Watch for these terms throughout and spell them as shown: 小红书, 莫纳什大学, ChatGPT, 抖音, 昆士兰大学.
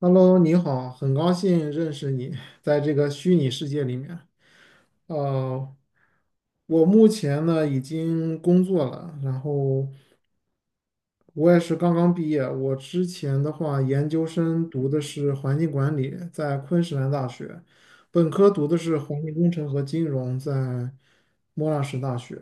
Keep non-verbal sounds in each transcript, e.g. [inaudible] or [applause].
Hello，你好，很高兴认识你，在这个虚拟世界里面。呃，我目前呢已经工作了，然后我也是刚刚毕业。我之前的话，研究生读的是环境管理，在昆士兰大学；本科读的是环境工程和金融，在莫纳什大学。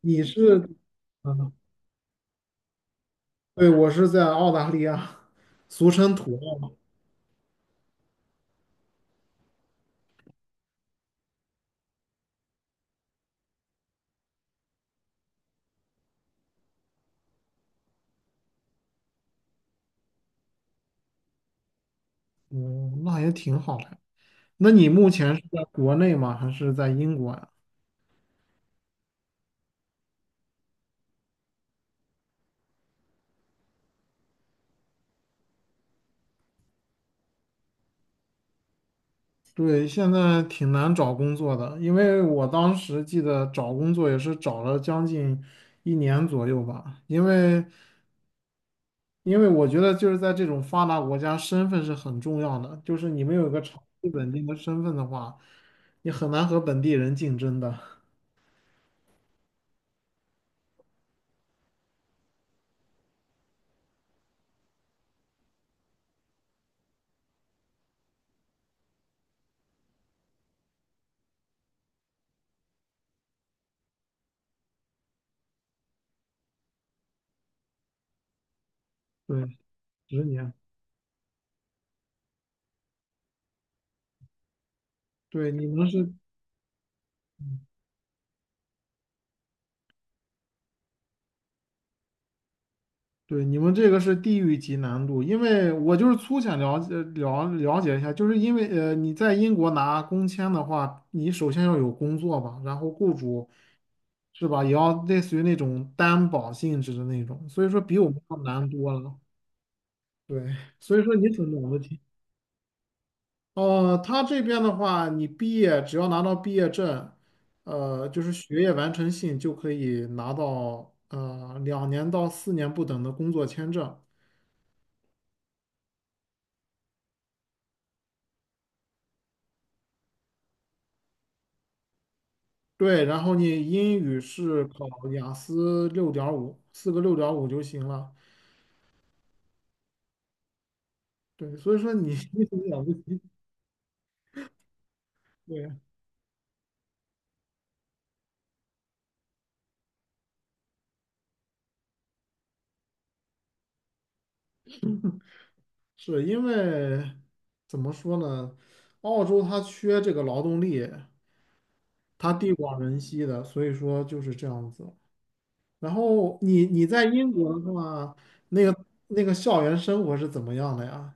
你是，嗯，对，我是在澳大利亚，俗称土澳。嗯，那也挺好的。那你目前是在国内吗？还是在英国呀？对，现在挺难找工作的，因为我当时记得找工作也是找了将近一年左右吧，因为我觉得就是在这种发达国家，身份是很重要的，就是你没有一个长期稳定的身份的话，你很难和本地人竞争的。[laughs] 对，10年，对，你们是。嗯，对，你们这个是地狱级难度，因为我就是粗浅了解一下，就是因为你在英国拿工签的话，你首先要有工作吧，然后雇主是吧，也要类似于那种担保性质的那种，所以说比我们要难多了。对，所以说你怎么问题？他这边的话，你毕业只要拿到毕业证，就是学业完成信就可以拿到2年到4年不等的工作签证。对，然后你英语是考雅思六点五，四个六点五就行了。对，所以说你 [laughs] 你很了不起。对，是因为怎么说呢？澳洲它缺这个劳动力，它地广人稀的，所以说就是这样子。然后你在英国的话，那个校园生活是怎么样的呀？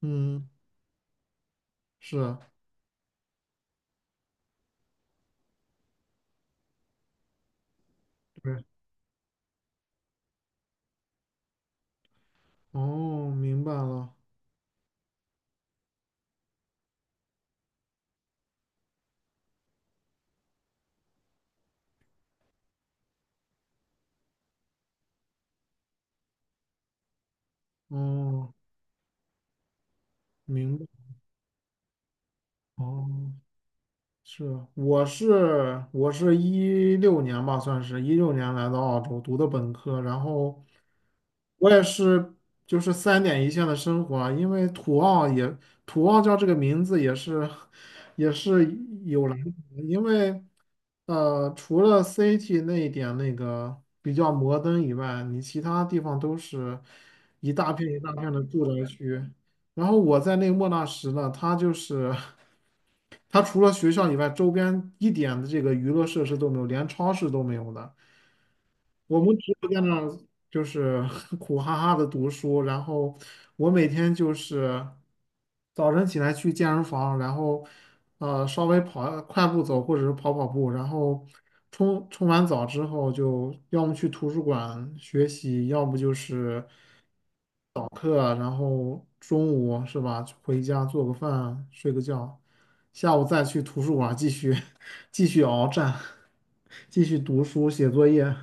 嗯，是，对，哦，明白了，哦，明白，哦。是，我是一六年吧，算是一六年来到澳洲读的本科，然后我也是就是三点一线的生活啊。因为土澳叫这个名字也是有来头的。因为除了 City 那一点那个比较摩登以外，你其他地方都是一大片一大片的住宅区。然后我在那莫纳什呢，它就是。[laughs] 它除了学校以外，周边一点的这个娱乐设施都没有，连超市都没有的。我们只有在那儿就是 [laughs] 苦哈哈的读书，然后我每天就是早晨起来去健身房，然后稍微跑快步走或者是跑跑步，然后冲完澡之后就要么去图书馆学习，要不就是早课啊。然后中午是吧，回家做个饭，睡个觉，下午再去图书馆继续 [laughs] 继续鏖战，继续读书写作业。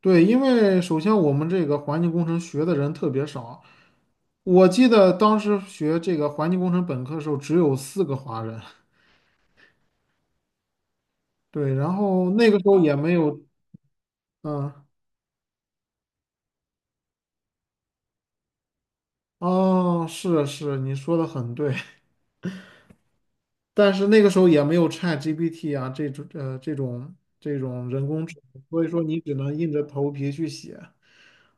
对，因为首先我们这个环境工程学的人特别少，我记得当时学这个环境工程本科的时候只有四个华人。对，然后那个时候也没有，嗯，哦，是是，你说的很对。但是那个时候也没有 ChatGPT 啊这种这种人工智能，所以说你只能硬着头皮去写，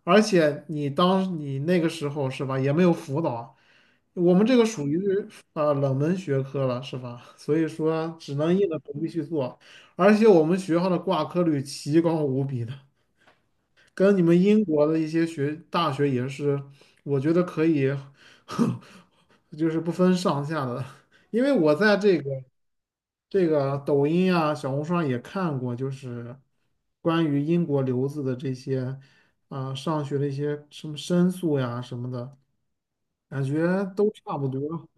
而且你当你那个时候是吧，也没有辅导。我们这个属于冷门学科了是吧？所以说只能硬着头皮去做，而且我们学校的挂科率奇高无比的，跟你们英国的一些大学也是，我觉得可以，[laughs] 就是不分上下的。因为我在这个抖音啊、小红书上也看过，就是关于英国留子的这些啊、上学的一些什么申诉呀什么的，感觉都差不多。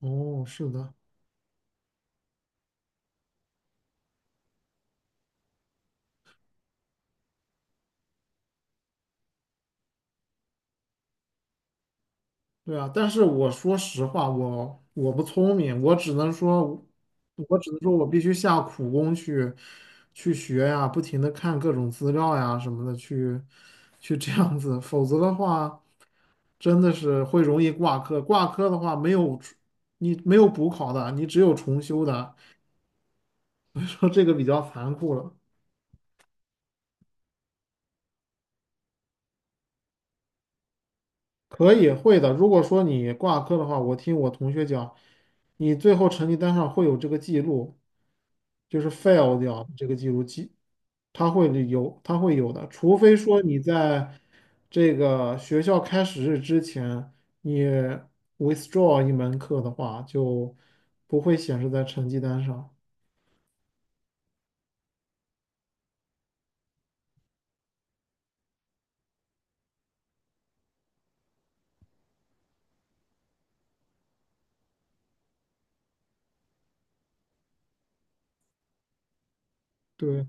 哦，是的。对啊，但是我说实话，我不聪明，我只能说，我只能说我必须下苦功去学呀，不停的看各种资料呀什么的，去这样子，否则的话，真的是会容易挂科。挂科的话，没有重你没有补考的，你只有重修的。[laughs] 说这个比较残酷了。可以会的，如果说你挂科的话，我听我同学讲，你最后成绩单上会有这个记录。就是 fail 掉这个记录，它会有的，除非说你在这个学校开始日之前，你 withdraw 一门课的话，就不会显示在成绩单上。对，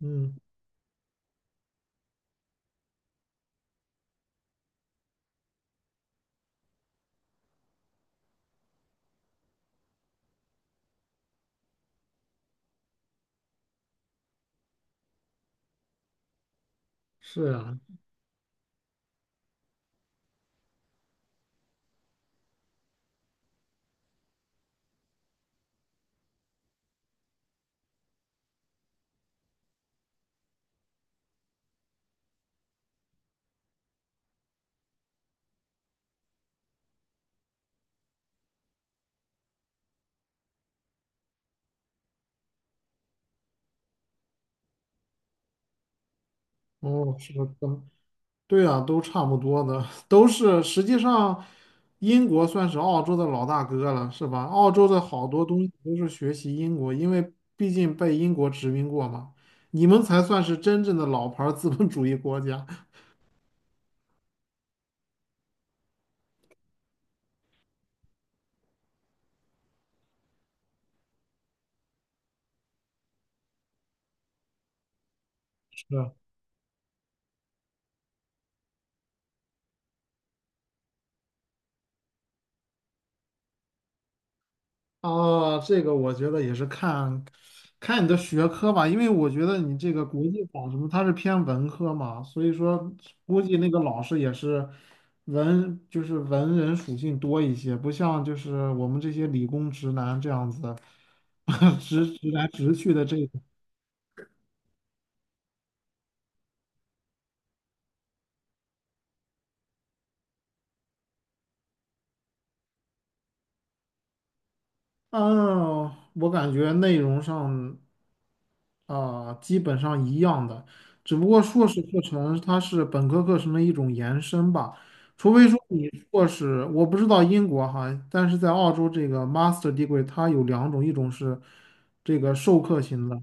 嗯，是啊，哦，是的。对啊，都差不多的，都是实际上，英国算是澳洲的老大哥了，是吧？澳洲的好多东西都是学习英国，因为毕竟被英国殖民过嘛。你们才算是真正的老牌儿资本主义国家。[laughs] 是。哦，这个我觉得也是看你的学科吧。因为我觉得你这个国际法什么，它是偏文科嘛，所以说估计那个老师也是就是文人属性多一些，不像就是我们这些理工直男这样子。[laughs] 直直来直去的这种。嗯，我感觉内容上。啊，基本上一样的，只不过硕士课程它是本科课程的一种延伸吧。除非说你硕士，我不知道英国哈，但是在澳洲这个 master degree 它有两种，一种是这个授课型的，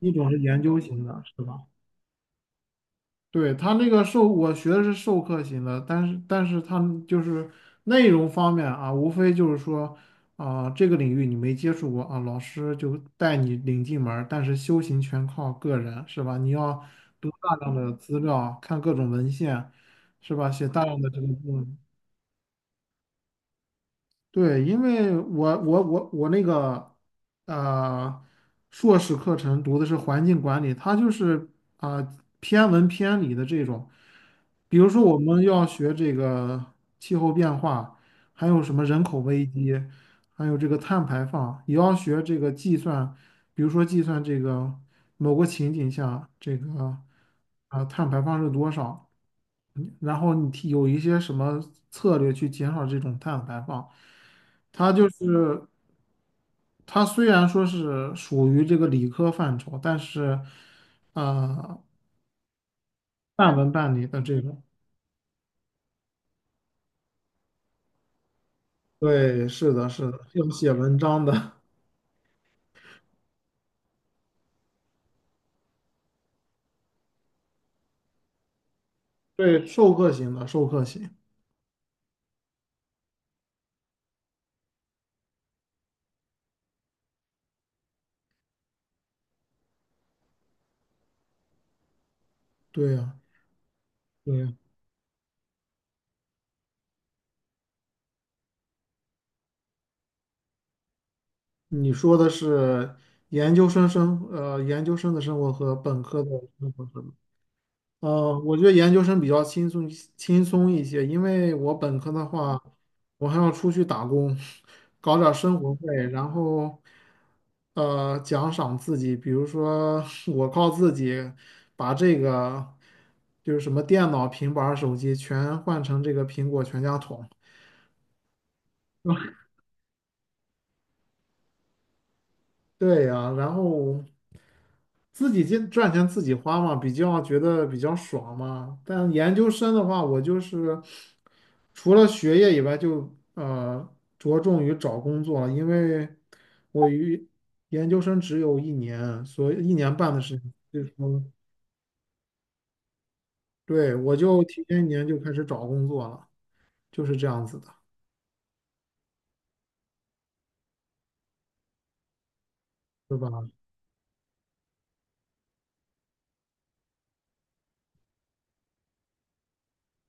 一种是研究型的，是吧？对，他那个我学的是授课型的，但是他就是内容方面啊，无非就是说啊、这个领域你没接触过啊，老师就带你领进门儿但是修行全靠个人，是吧？你要读大量的资料，看各种文献，是吧？写大量的这个论文。对，因为我那个呃硕士课程读的是环境管理，它就是啊、偏文偏理的这种。比如说我们要学这个气候变化，还有什么人口危机，还有这个碳排放，也要学这个计算，比如说计算这个某个情景下这个啊、碳排放是多少。然后你提有一些什么策略去减少这种碳排放？它就是它虽然说是属于这个理科范畴，但是呃，半文半理的这种。对，是的，是的，要写文章的。对，授课型的，授课型。对呀，对呀，你说的是研究生的生活和本科的生活。我觉得研究生比较轻松一些，因为我本科的话，我还要出去打工，[laughs] 搞点儿生活费，然后奖赏自己，比如说 [laughs] 我靠自己把这个就是什么电脑、平板儿手机全换成这个苹果全家桶。对呀、然后自己赚钱自己花嘛，比较觉得比较爽嘛。但研究生的话，我就是除了学业以外就，着重于找工作了。因为我于研究生只有一年，所以一年半的时间，所以说，对，我就提前一年就开始找工作了，就是这样子的，对吧？